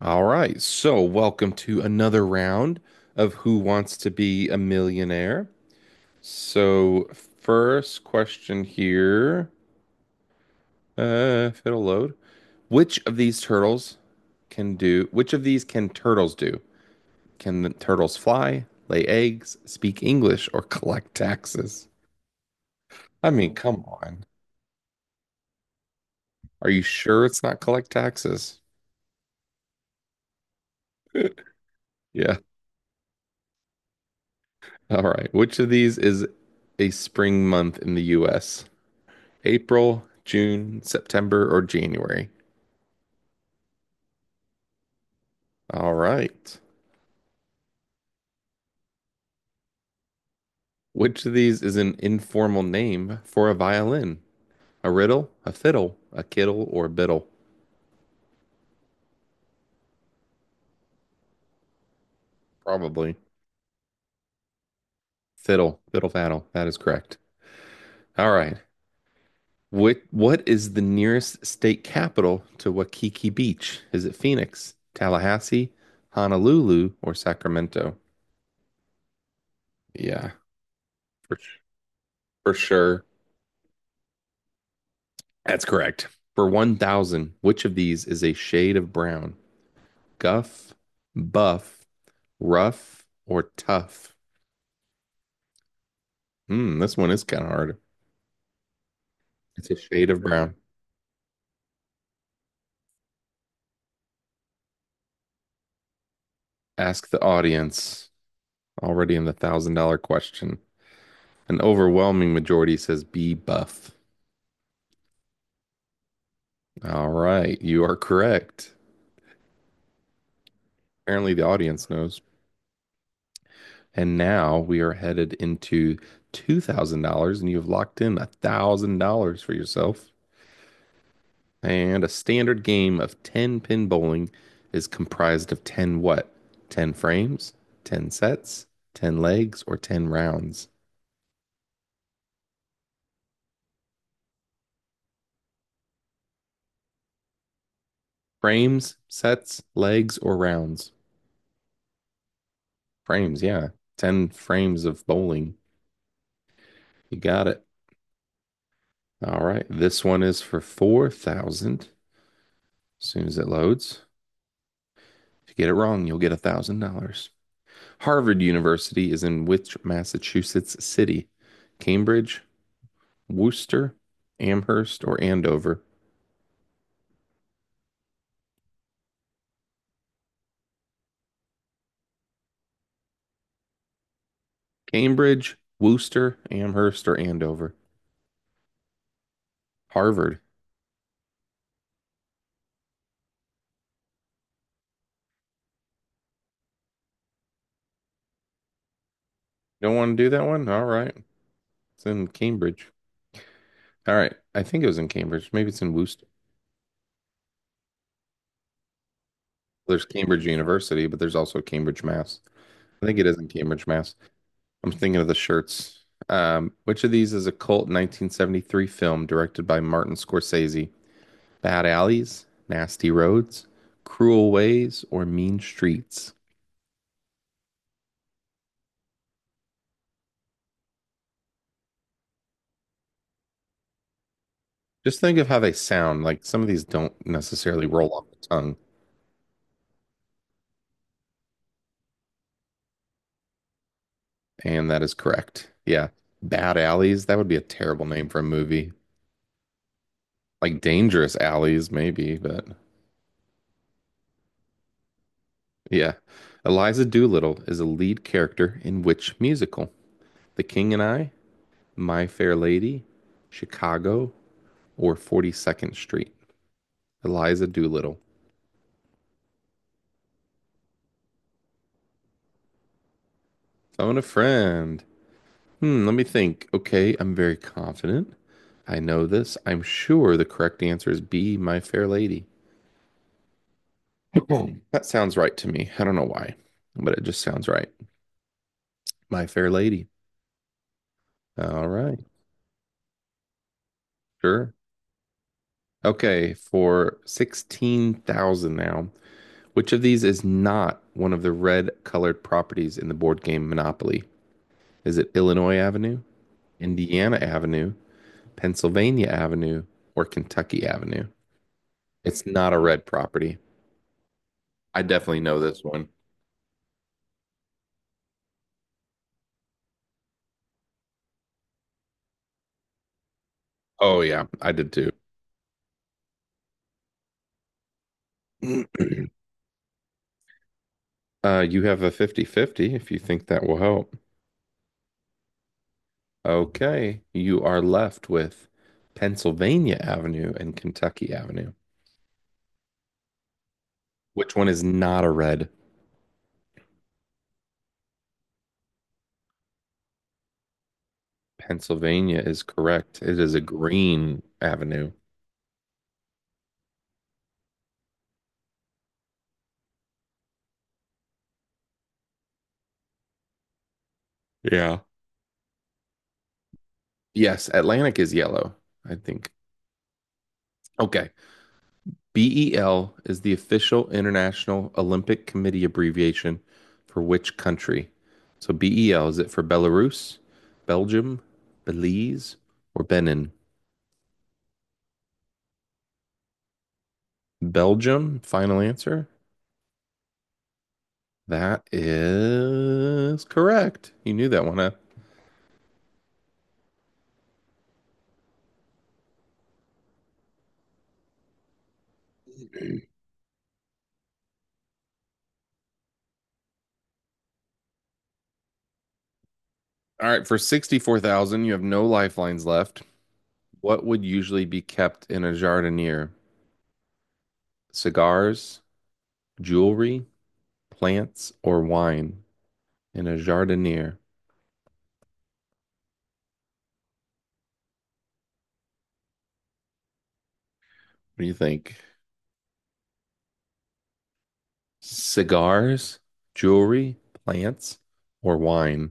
All right. So, welcome to another round of Who Wants to Be a Millionaire? So, first question here, if it'll load, which of these turtles which of these can turtles do? Can the turtles fly, lay eggs, speak English, or collect taxes? I mean, come on. Are you sure it's not collect taxes? Yeah. All right. Which of these is a spring month in the US? April, June, September, or January. All right. Which of these is an informal name for a violin? A riddle, a fiddle, a kittle, or a biddle? Probably. Fiddle, fiddle, faddle. That is correct. All right. What is the nearest state capital to Waikiki Beach? Is it Phoenix, Tallahassee, Honolulu, or Sacramento? Yeah, for, for sure. That's correct. For 1,000, which of these is a shade of brown? Guff, buff, rough, or tough? Hmm, this one is kind of hard. It's a shade of brown. Ask the audience. Already in the $1,000 question. An overwhelming majority says be buff. All right, you are correct. Apparently, the audience knows. And now we are headed into $2,000, and you have locked in $1,000 for yourself. And a standard game of 10 pin bowling is comprised of 10 what? 10 frames, 10 sets, 10 legs, or 10 rounds? Frames, sets, legs, or rounds? Frames, yeah. 10 frames of bowling. You got it. All right. This one is for 4,000 as soon as it loads. If you get it wrong, you'll get $1,000. Harvard University is in which Massachusetts city? Cambridge, Worcester, Amherst, or Andover? Cambridge, Worcester, Amherst, or Andover. Harvard. Don't want to do that one? All right. It's in Cambridge. All right. I think it was in Cambridge. Maybe it's in Worcester. There's Cambridge University, but there's also Cambridge, Mass. I think it is in Cambridge, Mass. I'm thinking of the shirts. Which of these is a cult 1973 film directed by Martin Scorsese? Bad Alleys, Nasty Roads, Cruel Ways, or Mean Streets? Just think of how they sound. Like some of these don't necessarily roll off the tongue. And that is correct. Yeah. Bad Alleys, that would be a terrible name for a movie. Like Dangerous Alleys, maybe, but yeah. Eliza Doolittle is a lead character in which musical? The King and I, My Fair Lady, Chicago, or 42nd Street? Eliza Doolittle. Phone a friend. Hmm, let me think. Okay, I'm very confident. I know this. I'm sure the correct answer is B, My Fair Lady. That sounds right to me. I don't know why, but it just sounds right. My Fair Lady. All right. Sure. Okay, for 16,000 now. Which of these is not one of the red colored properties in the board game Monopoly? Is it Illinois Avenue, Indiana Avenue, Pennsylvania Avenue, or Kentucky Avenue? It's not a red property. I definitely know this one. Oh, yeah, I did too. You have a fifty-fifty if you think that will help. Okay, you are left with Pennsylvania Avenue and Kentucky Avenue. Which one is not a red? Pennsylvania is correct. It is a green avenue. Yeah. Yes, Atlantic is yellow, I think. Okay. BEL is the official International Olympic Committee abbreviation for which country? So BEL, is it for Belarus, Belgium, Belize, or Benin? Belgium, final answer. That is correct. You knew that one, huh? All right, for 64,000, you have no lifelines left. What would usually be kept in a jardiniere? Cigars, jewelry, plants, or wine in a jardiniere, what do you think? Cigars, jewelry, plants, or wine?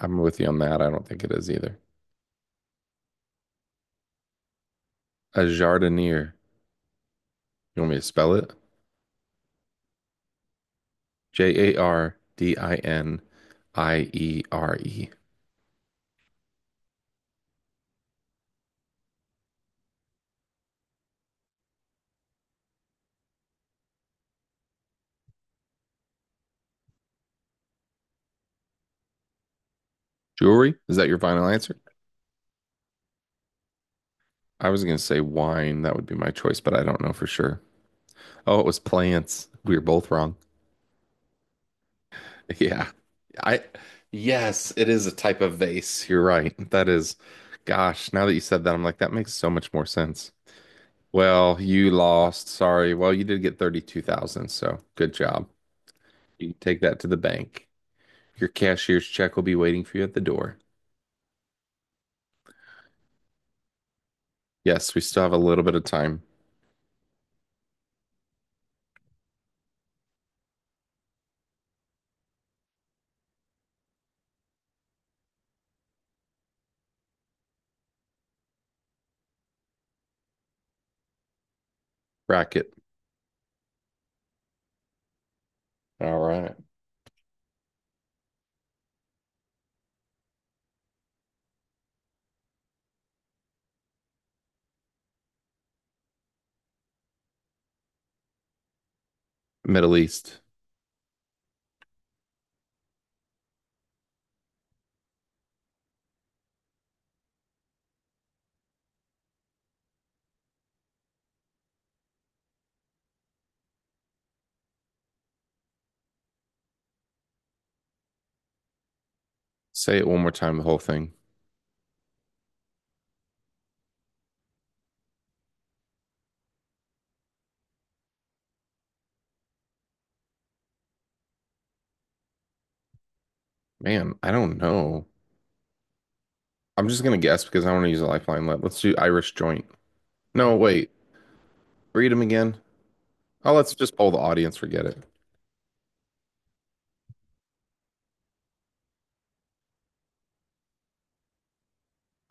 I'm with you on that. I don't think it is either. A jardiniere. You want me to spell it? jardiniere. Jewelry? Is that your final answer? I was going to say wine. That would be my choice, but I don't know for sure. Oh, it was plants. We were both wrong. Yeah. I, yes, it is a type of vase. You're right. That is, gosh, now that you said that, I'm like, that makes so much more sense. Well, you lost. Sorry. Well, you did get 32,000, so good job. You can take that to the bank. Your cashier's check will be waiting for you at the door. Yes, we still have a little bit of time. Bracket. All right. Middle East. Say it one more time, the whole thing. Man, I don't know. I'm just gonna guess because I want to use a lifeline. Let's do Irish joint. No, wait. Read them again. Oh, let's just poll the audience. Forget it.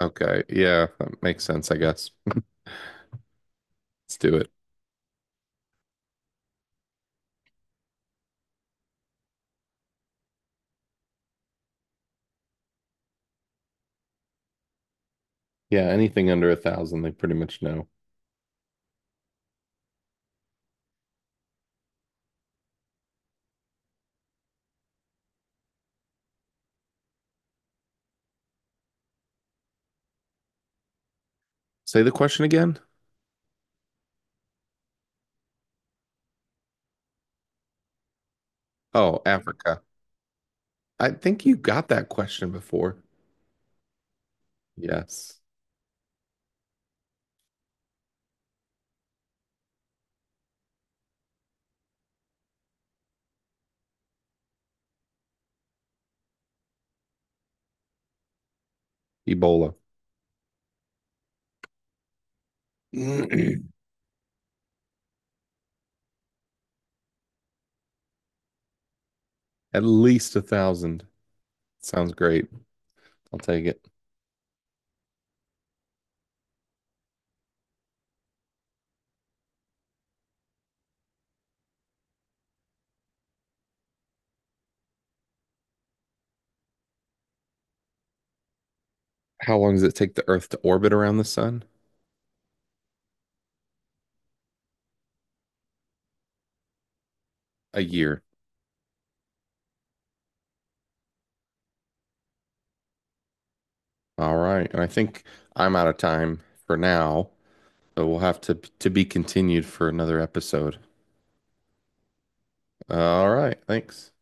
Okay. Yeah, that makes sense, I guess. Let's do it. Yeah, anything under 1,000, they pretty much know. Say the question again. Oh, Africa. I think you got that question before. Yes. Ebola. At least 1,000. Sounds great. I'll take it. How long does it take the Earth to orbit around the sun? A year. All right. And I think I'm out of time for now, so we'll have to be continued for another episode. All right. Thanks.